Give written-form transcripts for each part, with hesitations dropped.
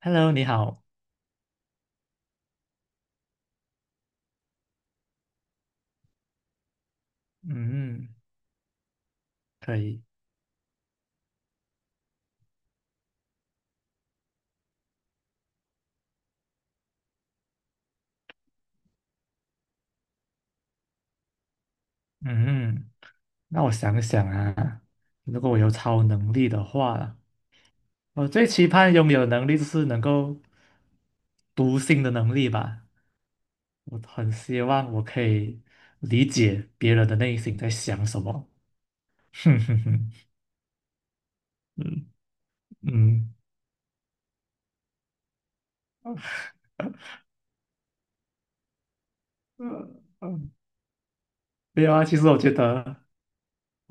Hello，你好。嗯，可以。嗯，那我想想啊，如果我有超能力的话，我最期盼拥有的能力就是能够读心的能力吧。我很希望我可以理解别人的内心在想什么。哼哼哼，嗯嗯。嗯嗯，没有啊。其实我觉得，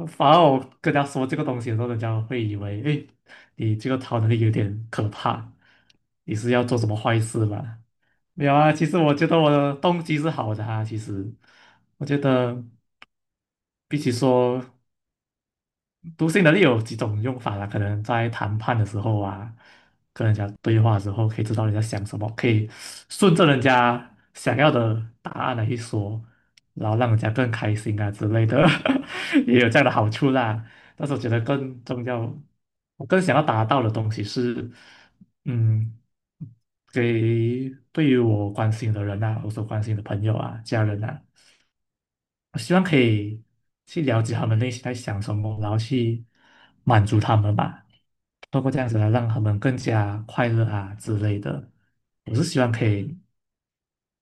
反而我跟他说这个东西的时候，人家会以为，哎，你这个超能力有点可怕，你是要做什么坏事吧？没有啊，其实我觉得我的动机是好的啊。其实，我觉得比起说读心能力有几种用法啦，可能在谈判的时候啊，跟人家对话的时候，可以知道人家想什么，可以顺着人家想要的答案来去说，然后让人家更开心啊之类的，也有这样的好处啦。但是我觉得更重要，我更想要达到的东西是，嗯，给对于我关心的人啊，我所关心的朋友啊、家人啊。我希望可以去了解他们内心在想什么，然后去满足他们吧，通过这样子来让他们更加快乐啊之类的。我是希望可以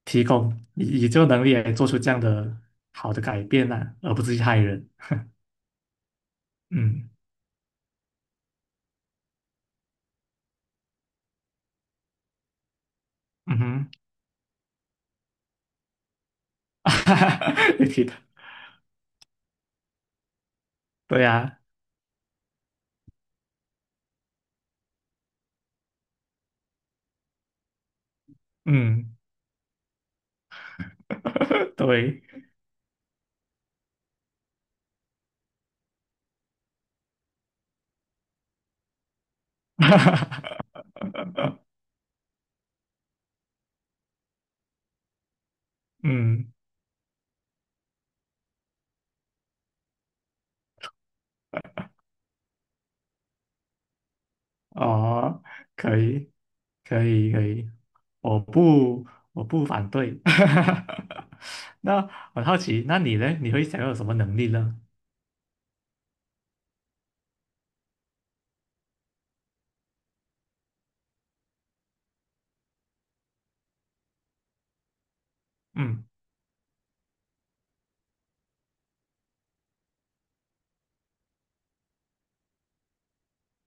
提供以这个能力来做出这样的好的改变啊，而不是去害人。嗯嗯哼，你提的对呀、嗯 对，嗯哦，可以可以可以。我不，我不反对。那很好奇，那你呢？你会想要有什么能力呢？嗯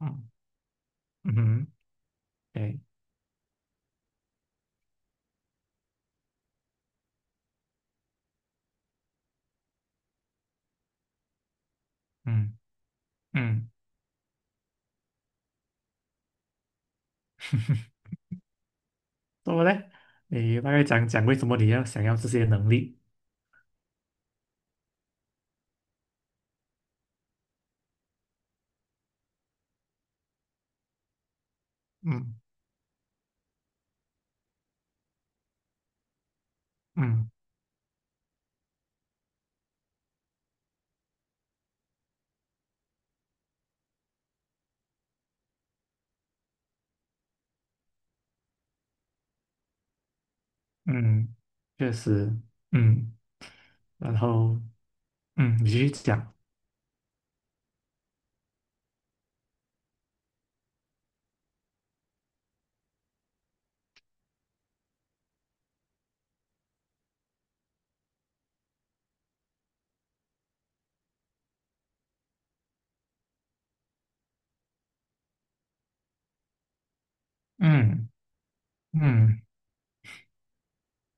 嗯嗯哼，对，嗯嗯，怎么呢？你大概讲讲为什么你要想要这些能力？嗯嗯嗯，确实，嗯，然后你继续讲，嗯嗯，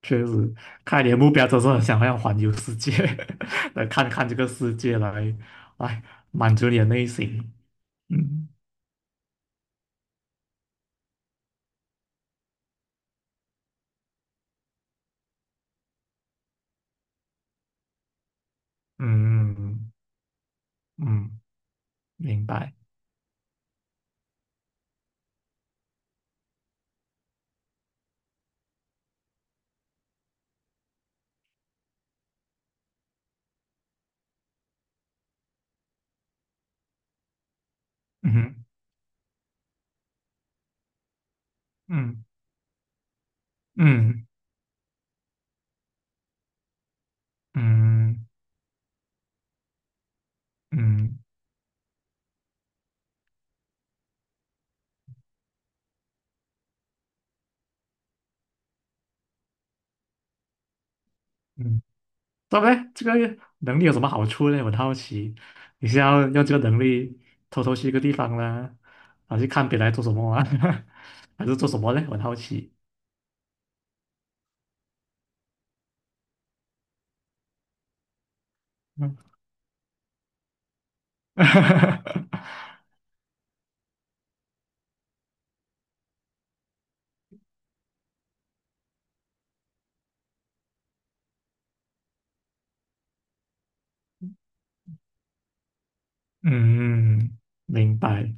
确实，看来你的目标都是很想要环游世界，来看看这个世界来满足你的内心，嗯。嗯嗯，嗯明白。嗯哼嗯嗯嗯嗯嗯，对不对？这个能力有什么好处呢？我很好奇，你是要用这个能力偷偷去一个地方呢，还是看别人在做什么啊，还是做什么呢？我很好奇。嗯 嗯，明白。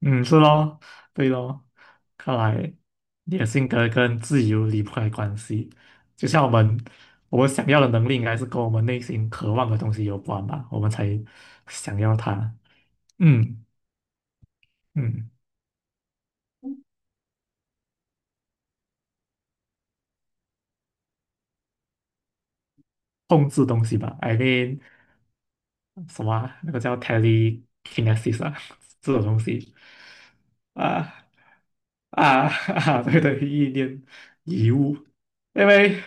嗯，是咯，对咯，看来你的性格跟自由离不开关系。就像我们，我们想要的能力应该是跟我们内心渴望的东西有关吧，我们才想要它。嗯嗯，控制东西吧，I mean 什么啊那个叫 telekinesis 啊，这种东西啊。啊 啊，对对，意念遗物，因为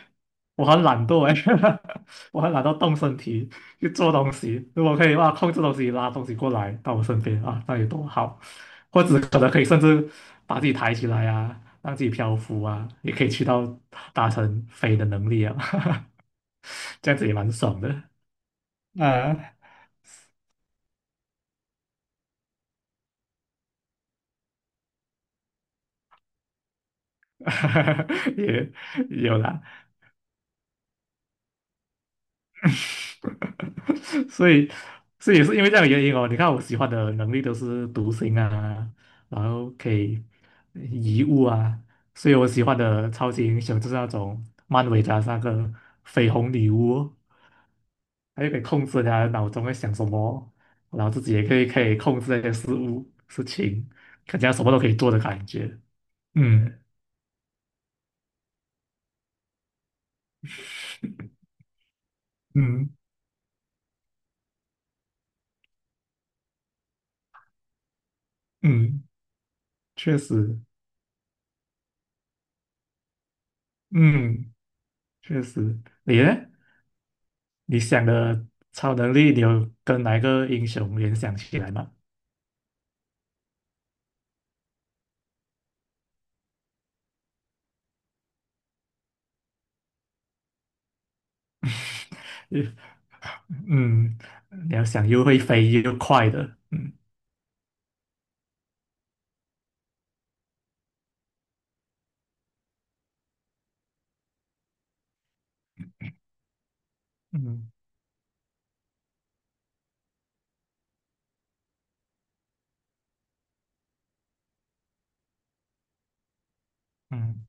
我很懒惰哎，我很懒惰动身体去做东西。如果可以的话，控制东西拉东西过来到我身边啊，那有多好！或者可能可以甚至把自己抬起来啊，让自己漂浮啊，也可以去到达成飞的能力啊，这样子也蛮爽的啊，也也有啦。所以，所以，也是因为这样的原因哦。你看，我喜欢的能力都是独行啊，然后可以移物啊，所以我喜欢的超级英雄就是那种漫威的那个绯红女巫，还可以控制人家脑中在想什么，然后自己也可以控制那些事物事情，感觉她什么都可以做的感觉。嗯嗯嗯，确实，嗯确实，你呢？你想的超能力，你有跟哪一个英雄联想起来吗？嗯，你要想又会飞又快的，嗯嗯嗯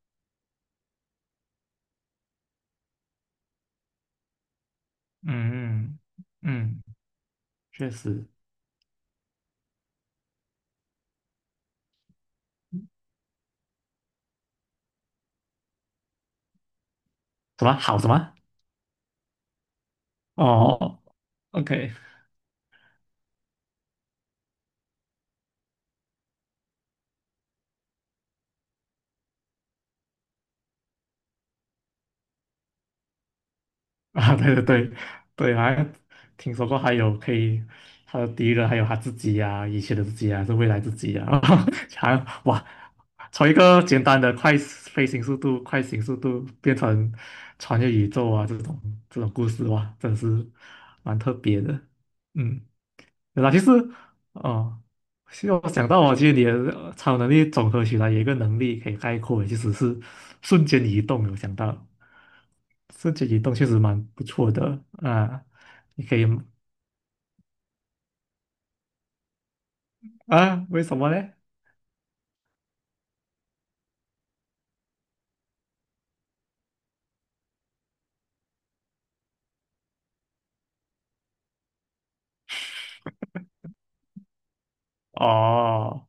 嗯嗯，嗯，确实，什么好什么？哦，OK。啊，对对对对，好像听说过还有可以他的敌人，还有他自己呀、以前的自己呀、还是未来自己呀、好像哇，从一个简单的快飞行速度、快行速度变成穿越宇宙啊这种故事哇，真是蛮特别的，嗯。对啦，其实哦，其实我想到哦，其实你的超能力总合起来有一个能力可以概括，其实是瞬间移动。有想到瞬间移动确实蛮不错的啊，你可以啊？为什么呢？哦，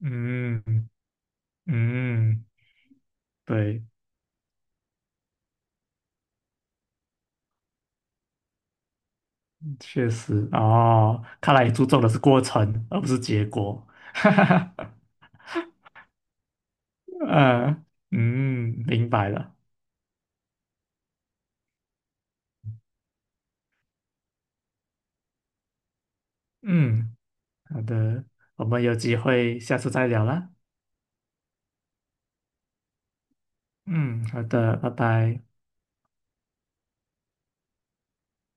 嗯嗯，对，确实哦，看来你注重的是过程而不是结果，哈哈哈，嗯嗯，明白了，嗯。好的，我们有机会下次再聊啦。嗯，好的，拜拜。